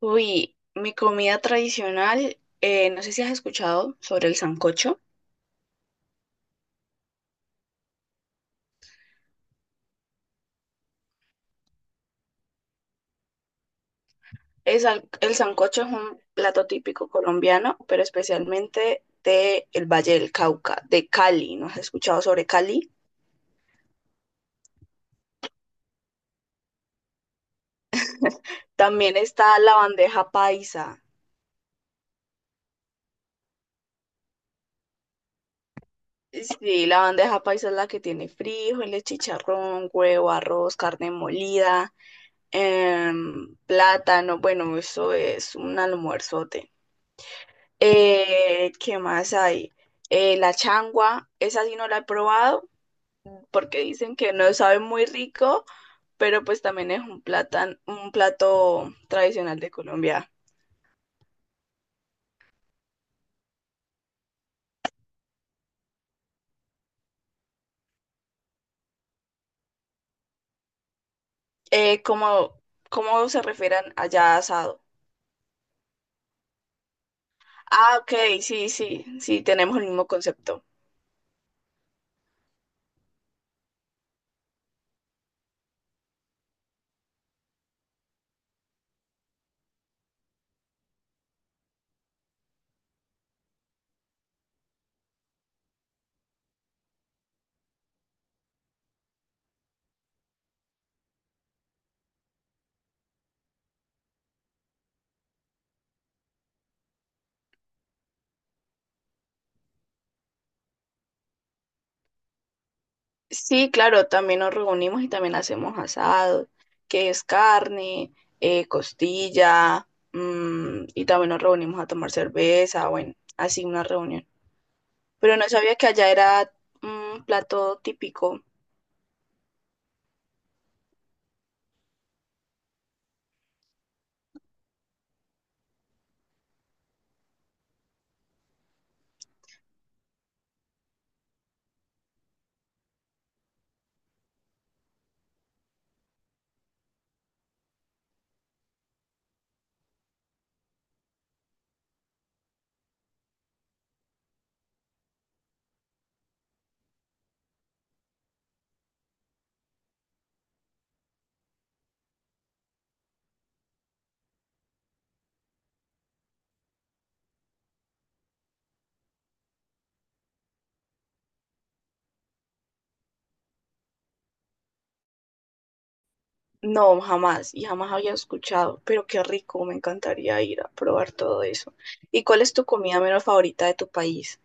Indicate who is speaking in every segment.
Speaker 1: Uy, mi comida tradicional, no sé si has escuchado sobre el sancocho. El sancocho es un plato típico colombiano, pero especialmente de el Valle del Cauca, de Cali. ¿No has escuchado sobre Cali? También está la bandeja paisa. Sí, la bandeja paisa es la que tiene frijoles, chicharrón, huevo, arroz, carne molida, plátano. Bueno, eso es un almuerzote. ¿Qué más hay? La changua, esa sí no la he probado porque dicen que no sabe muy rico, pero pues también es un un plato tradicional de Colombia. Eh, ¿cómo, ¿cómo se refieren allá a asado? Ah, ok, sí, sí, sí, tenemos el mismo concepto. Sí, claro, también nos reunimos y también hacemos asado, que es carne, costilla, mm, y también nos reunimos a tomar cerveza, bueno, así una reunión. Pero no sabía que allá era un plato típico. No, jamás, y jamás había escuchado, pero qué rico, me encantaría ir a probar todo eso. ¿Y cuál es tu comida menos favorita de tu país?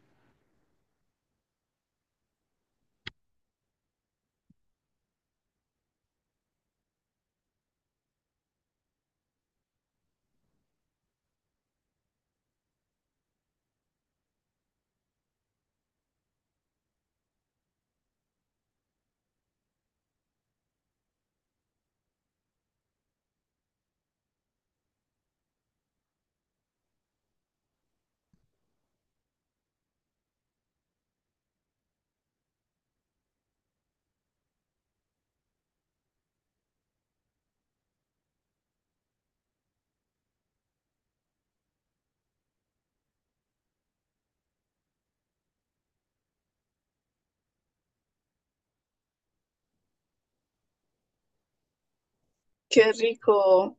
Speaker 1: Qué rico,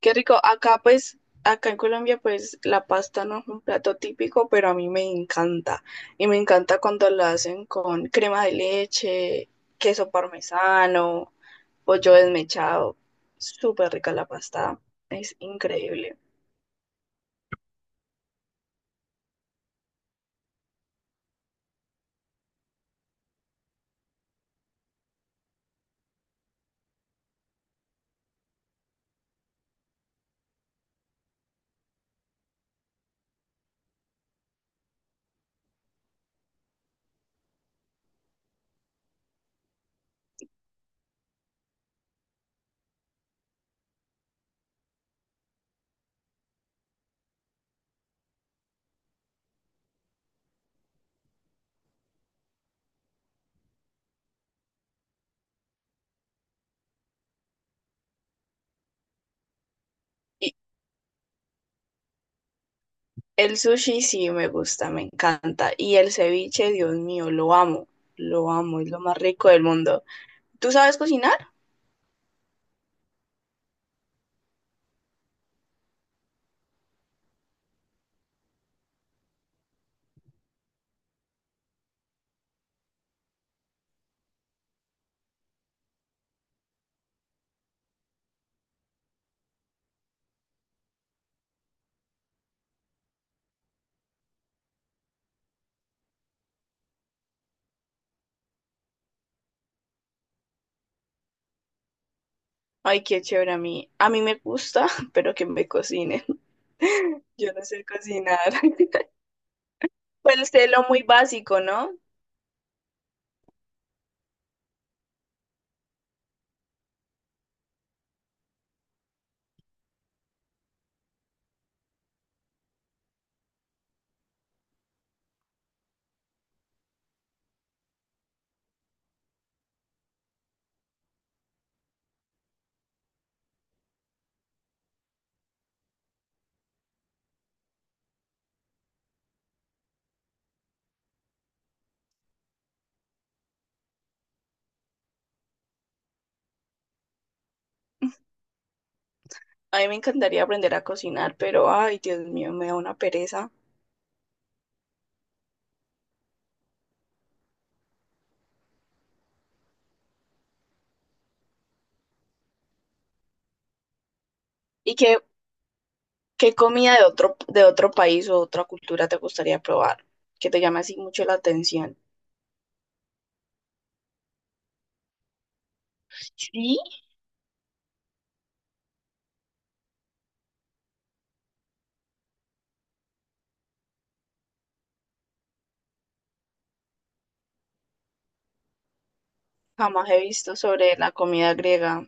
Speaker 1: qué rico. Acá en Colombia pues la pasta no es un plato típico, pero a mí me encanta. Y me encanta cuando la hacen con crema de leche, queso parmesano, pollo desmechado. Súper rica la pasta, es increíble. El sushi sí me gusta, me encanta. Y el ceviche, Dios mío, lo amo, es lo más rico del mundo. ¿Tú sabes cocinar? Ay, qué chévere a mí. A mí me gusta, pero que me cocinen. Yo no sé cocinar. Pues sé lo muy básico, ¿no? A mí me encantaría aprender a cocinar, pero ay, Dios mío, me da una pereza. ¿Y qué, ¿qué comida de otro país o otra cultura te gustaría probar? Que te llame así mucho la atención. Sí, jamás he visto sobre la comida griega.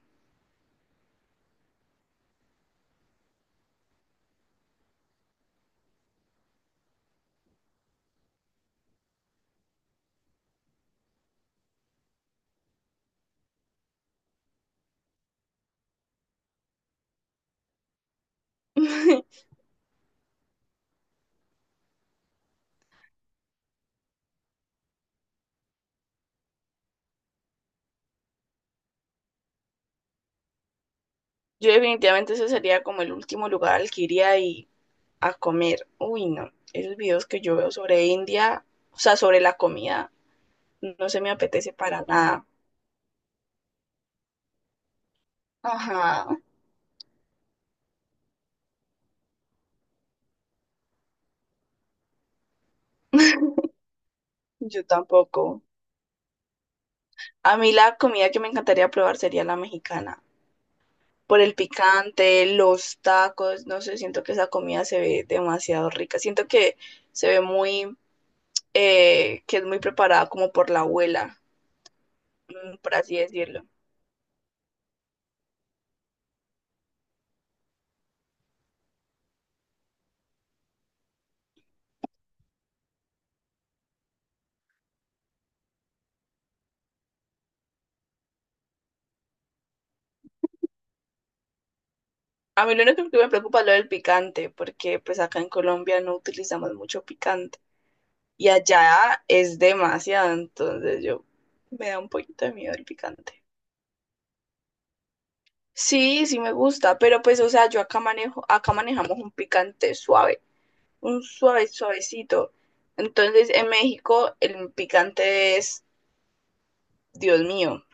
Speaker 1: Yo definitivamente ese sería como el último lugar al que iría y a comer. Uy, no. Esos videos que yo veo sobre India, o sea, sobre la comida, no se me apetece para nada. Ajá, yo tampoco. A mí la comida que me encantaría probar sería la mexicana. Por el picante, los tacos, no sé, siento que esa comida se ve demasiado rica. Siento que se ve muy, que es muy preparada como por la abuela, mm, por así decirlo. A mí lo único que me preocupa es lo del picante, porque pues acá en Colombia no utilizamos mucho picante y allá es demasiado, entonces yo me da un poquito de miedo el picante. Sí, sí me gusta, pero pues o sea, yo acá manejo, acá manejamos un picante suave, un suave suavecito. Entonces en México el picante es, Dios mío,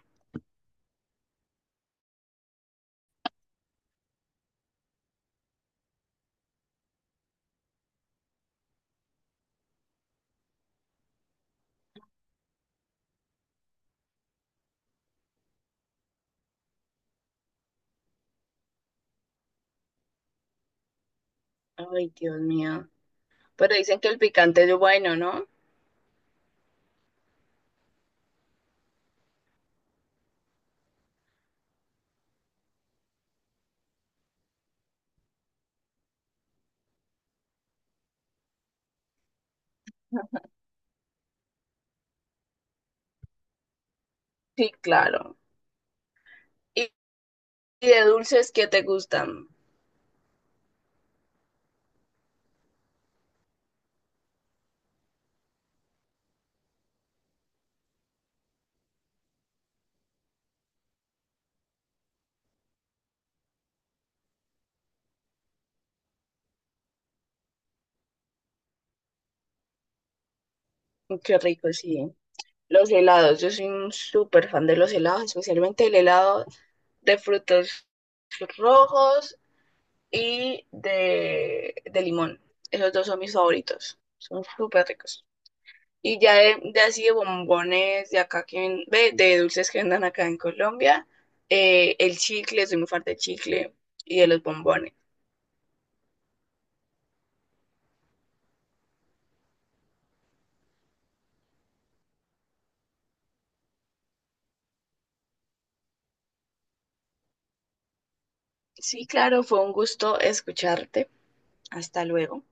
Speaker 1: ay Dios mío, pero dicen que el picante es bueno, ¿no? Sí, claro. ¿Y, ¿y de dulces qué te gustan? Qué rico, sí. Los helados, yo soy un súper fan de los helados, especialmente el helado de frutos rojos y de limón. Esos dos son mis favoritos, son súper ricos. Y ya de así de bombones de acá que ve, de dulces que vendan acá en Colombia, el chicle, soy muy fan del chicle y de los bombones. Sí, claro, fue un gusto escucharte. Hasta luego.